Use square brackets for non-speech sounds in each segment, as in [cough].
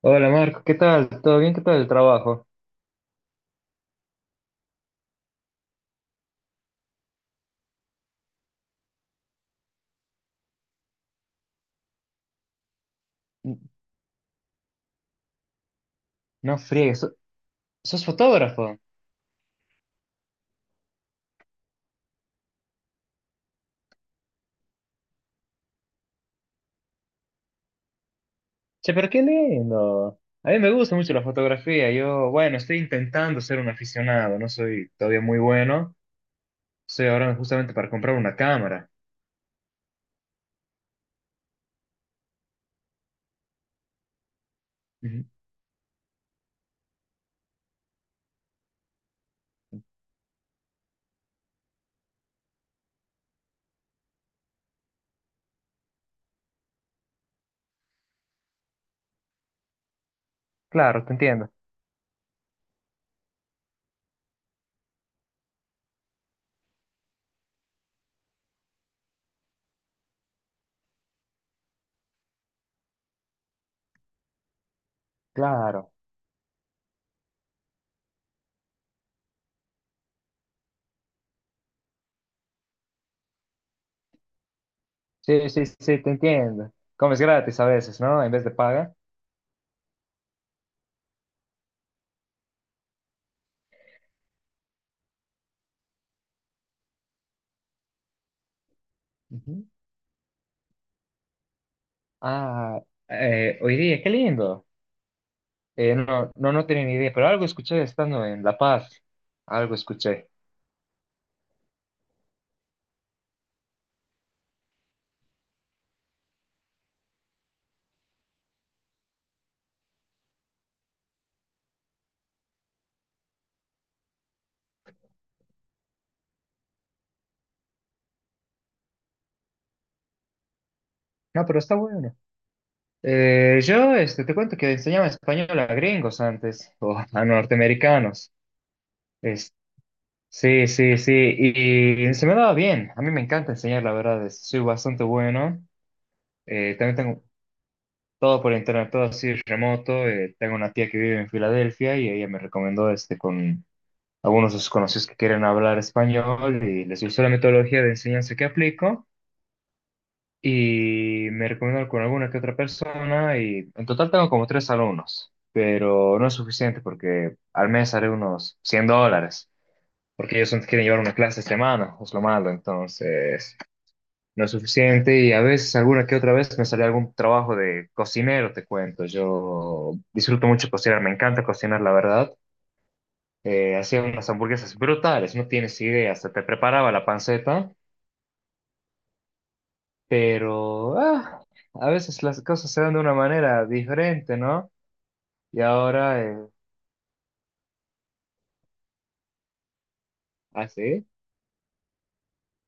Hola Marco, ¿qué tal? ¿Todo bien? ¿Qué tal el trabajo? N- No friegues, ¿sos fotógrafo? Che, pero qué lindo. A mí me gusta mucho la fotografía. Yo, bueno, estoy intentando ser un aficionado, no soy todavía muy bueno. Estoy ahora justamente para comprar una cámara. Ujú. Claro, te entiendo. Claro. Sí, sí, sí, te entiendo. Comes gratis a veces, ¿no? En vez de paga. Ujú. Ah, hoy día, qué lindo. No, no, no tenía ni idea, pero algo escuché estando en La Paz. Algo escuché. No, pero está bueno. Yo este, te cuento que enseñaba español a gringos antes, o [laughs] a norteamericanos. Es- sí, sí, sí, y se me daba bien. A mí me encanta enseñar, la verdad, soy bastante bueno. También tengo todo por internet, todo así remoto. Tengo una tía que vive en Filadelfia y ella me recomendó este, con algunos de sus conocidos que quieren hablar español y les gustó la metodología de enseñanza que aplico. Y me recomiendo con alguna que otra persona y en total tengo como tres alumnos, pero no es suficiente porque al mes haré unos $100, porque ellos quieren llevar una clase a semana, es lo malo, entonces no es suficiente y a veces alguna que otra vez me sale algún trabajo de cocinero, te cuento, yo disfruto mucho cocinar, me encanta cocinar, la verdad. Hacía unas hamburguesas brutales, no tienes idea, hasta te preparaba la panceta. Pero ah, a veces las cosas se dan de una manera diferente, ¿no? Y ahora, ¿ah, sí?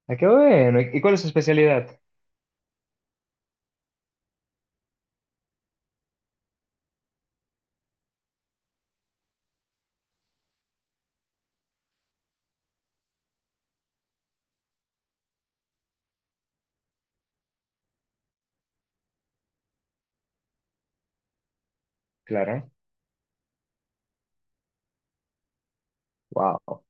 Ah, qué bueno. ¿Y cuál es su especialidad? Claro. Wow.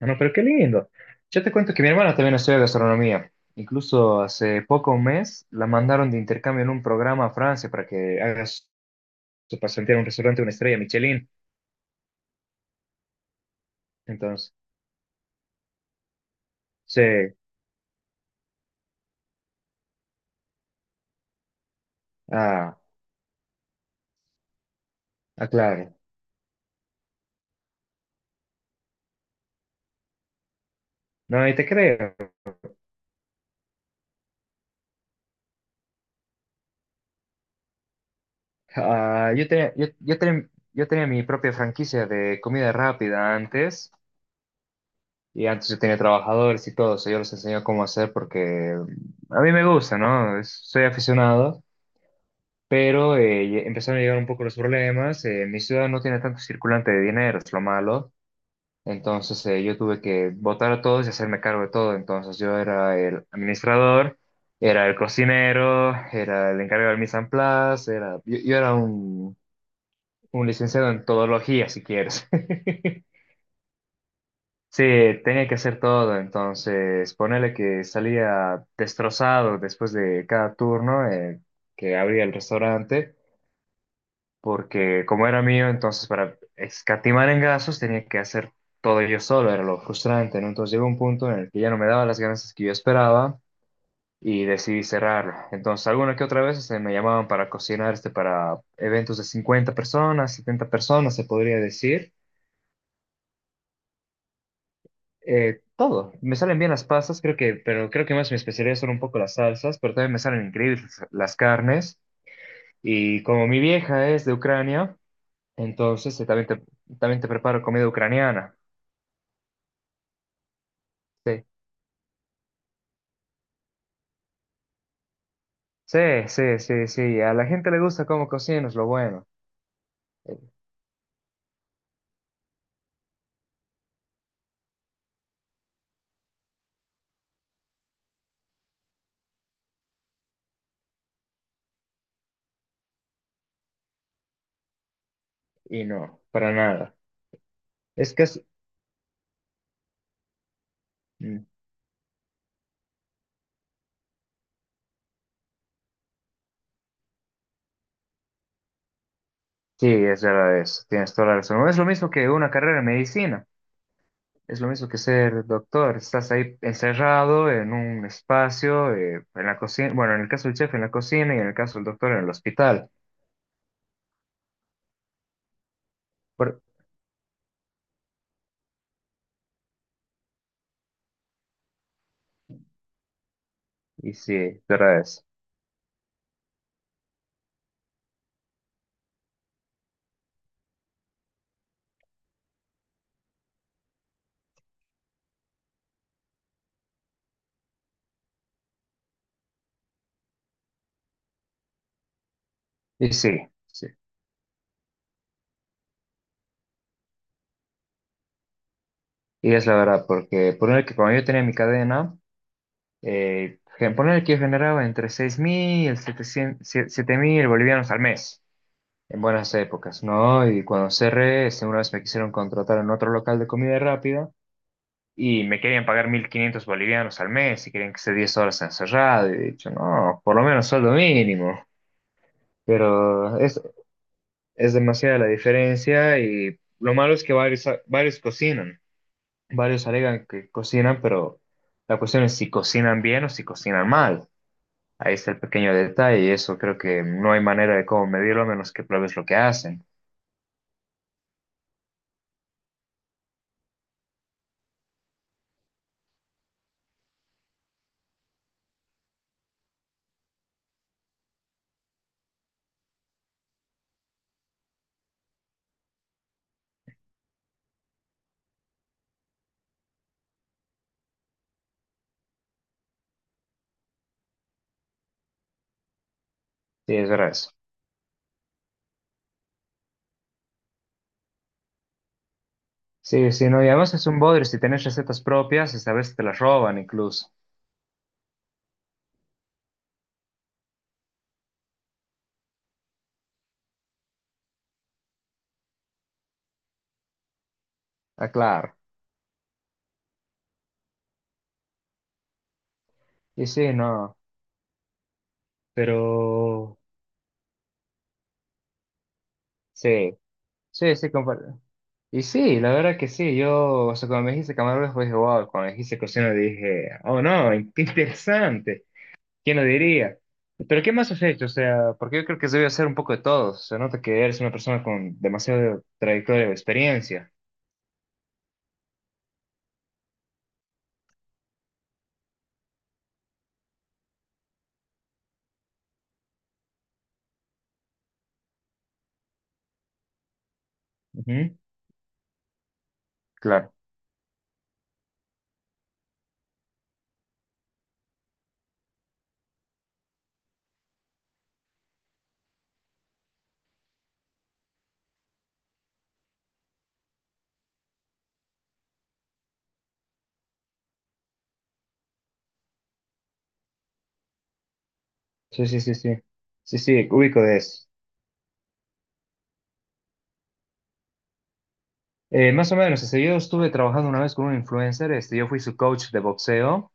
Ah, no, pero qué lindo. Yo te cuento que mi hermana también estudia gastronomía. Incluso hace poco un mes la mandaron de intercambio en un programa a Francia para que haga su su pasantía en un restaurante de una estrella Michelin. Entonces, sí. Ah, ah, claro. No, y te creo. Ah, yo tenía mi propia franquicia de comida rápida antes, y antes yo tenía trabajadores y todo, eso yo les enseño cómo hacer porque a mí me gusta, ¿no? Soy aficionado, pero empezaron a llegar un poco los problemas. Mi ciudad no tiene tanto circulante de dinero, es lo malo. Entonces yo tuve que votar a todos y hacerme cargo de todo. Entonces yo era el administrador, era el cocinero, era el encargado del mise en place, era, yo era un licenciado en todología, si quieres. [laughs] Sí, tenía que hacer todo, entonces ponele que salía destrozado después de cada turno que abría el restaurante, porque como era mío, entonces para escatimar en gastos tenía que hacer todo yo solo, era lo frustrante, ¿no? Entonces llegó un punto en el que ya no me daba las ganancias que yo esperaba y decidí cerrarlo. Entonces alguna que otra vez se me llamaban para cocinar este para eventos de 50 personas, 70 personas, se podría decir. Todo. Me salen bien las pastas, creo que, pero creo que más mi especialidad son un poco las salsas, pero también me salen increíbles las carnes. Y como mi vieja es de Ucrania, entonces también te preparo comida ucraniana. Sí, sí, sí, sí, sí. A la gente le gusta cómo cocinas, lo bueno. Eh, y no, para nada. Es que es... Mm. Sí, es verdad eso. Tienes toda la razón. No es lo mismo que una carrera en medicina. Es lo mismo que ser doctor, estás ahí encerrado en un espacio, en la cocina, bueno, en el caso del chef en la cocina y en el caso del doctor en el hospital. Por- y sí, la verdad es. Y sí, sí. Y es la verdad, porque poner que cuando yo tenía mi cadena, poner que yo generaba entre 6.000 y 7.000 bolivianos al mes, en buenas épocas, ¿no? Y cuando cerré, este, una vez me quisieron contratar en otro local de comida rápida. Y me querían pagar 1.500 bolivianos al mes y querían que esté 10 horas encerrado. Y he dicho, no, por lo menos sueldo mínimo. Pero es demasiada la diferencia y lo malo es que varios cocinan. Varios alegan que cocinan, pero la cuestión es si cocinan bien o si cocinan mal. Ahí está el pequeño detalle y eso creo que no hay manera de cómo medirlo a menos que pruebes lo que hacen. Sí, es verdad eso. Sí, sí, no, y además es un bodrio. Si tenés recetas propias, esta vez te las roban incluso. Ah, claro. Y sí, no. Pero sí, sí, sí, comparto. Y sí, la verdad que sí, yo, o sea, cuando me dijiste camarógrafo, dije, wow, cuando me dijiste cocina, dije, oh no, qué interesante, ¿quién lo diría? Pero ¿qué más has hecho? O sea, porque yo creo que se debe hacer un poco de todo, se nota que eres una persona con demasiado trayectoria o experiencia. Ujú, claro, sí, sí, sí, sí, sí, sí, ubico de eso. Más o menos, o sea, yo estuve trabajando una vez con un influencer, este, yo fui su coach de boxeo.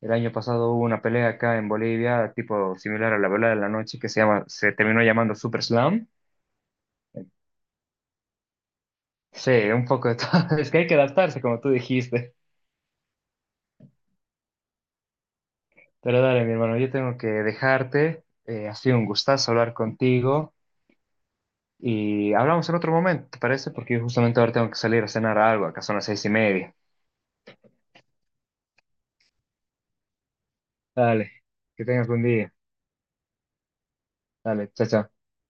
El año pasado hubo una pelea acá en Bolivia, tipo similar a la pelea de la noche, que se llama, se terminó llamando Super Slam. Sí, un poco de todo. [laughs] Es que hay que adaptarse, como tú dijiste. Pero dale, mi hermano, yo tengo que dejarte. Ha sido un gustazo hablar contigo. Y hablamos en otro momento, ¿te parece? Porque yo justamente ahora tengo que salir a cenar algo. Acá son las 6:30. Dale, que tengas buen día. Dale, chao, chao.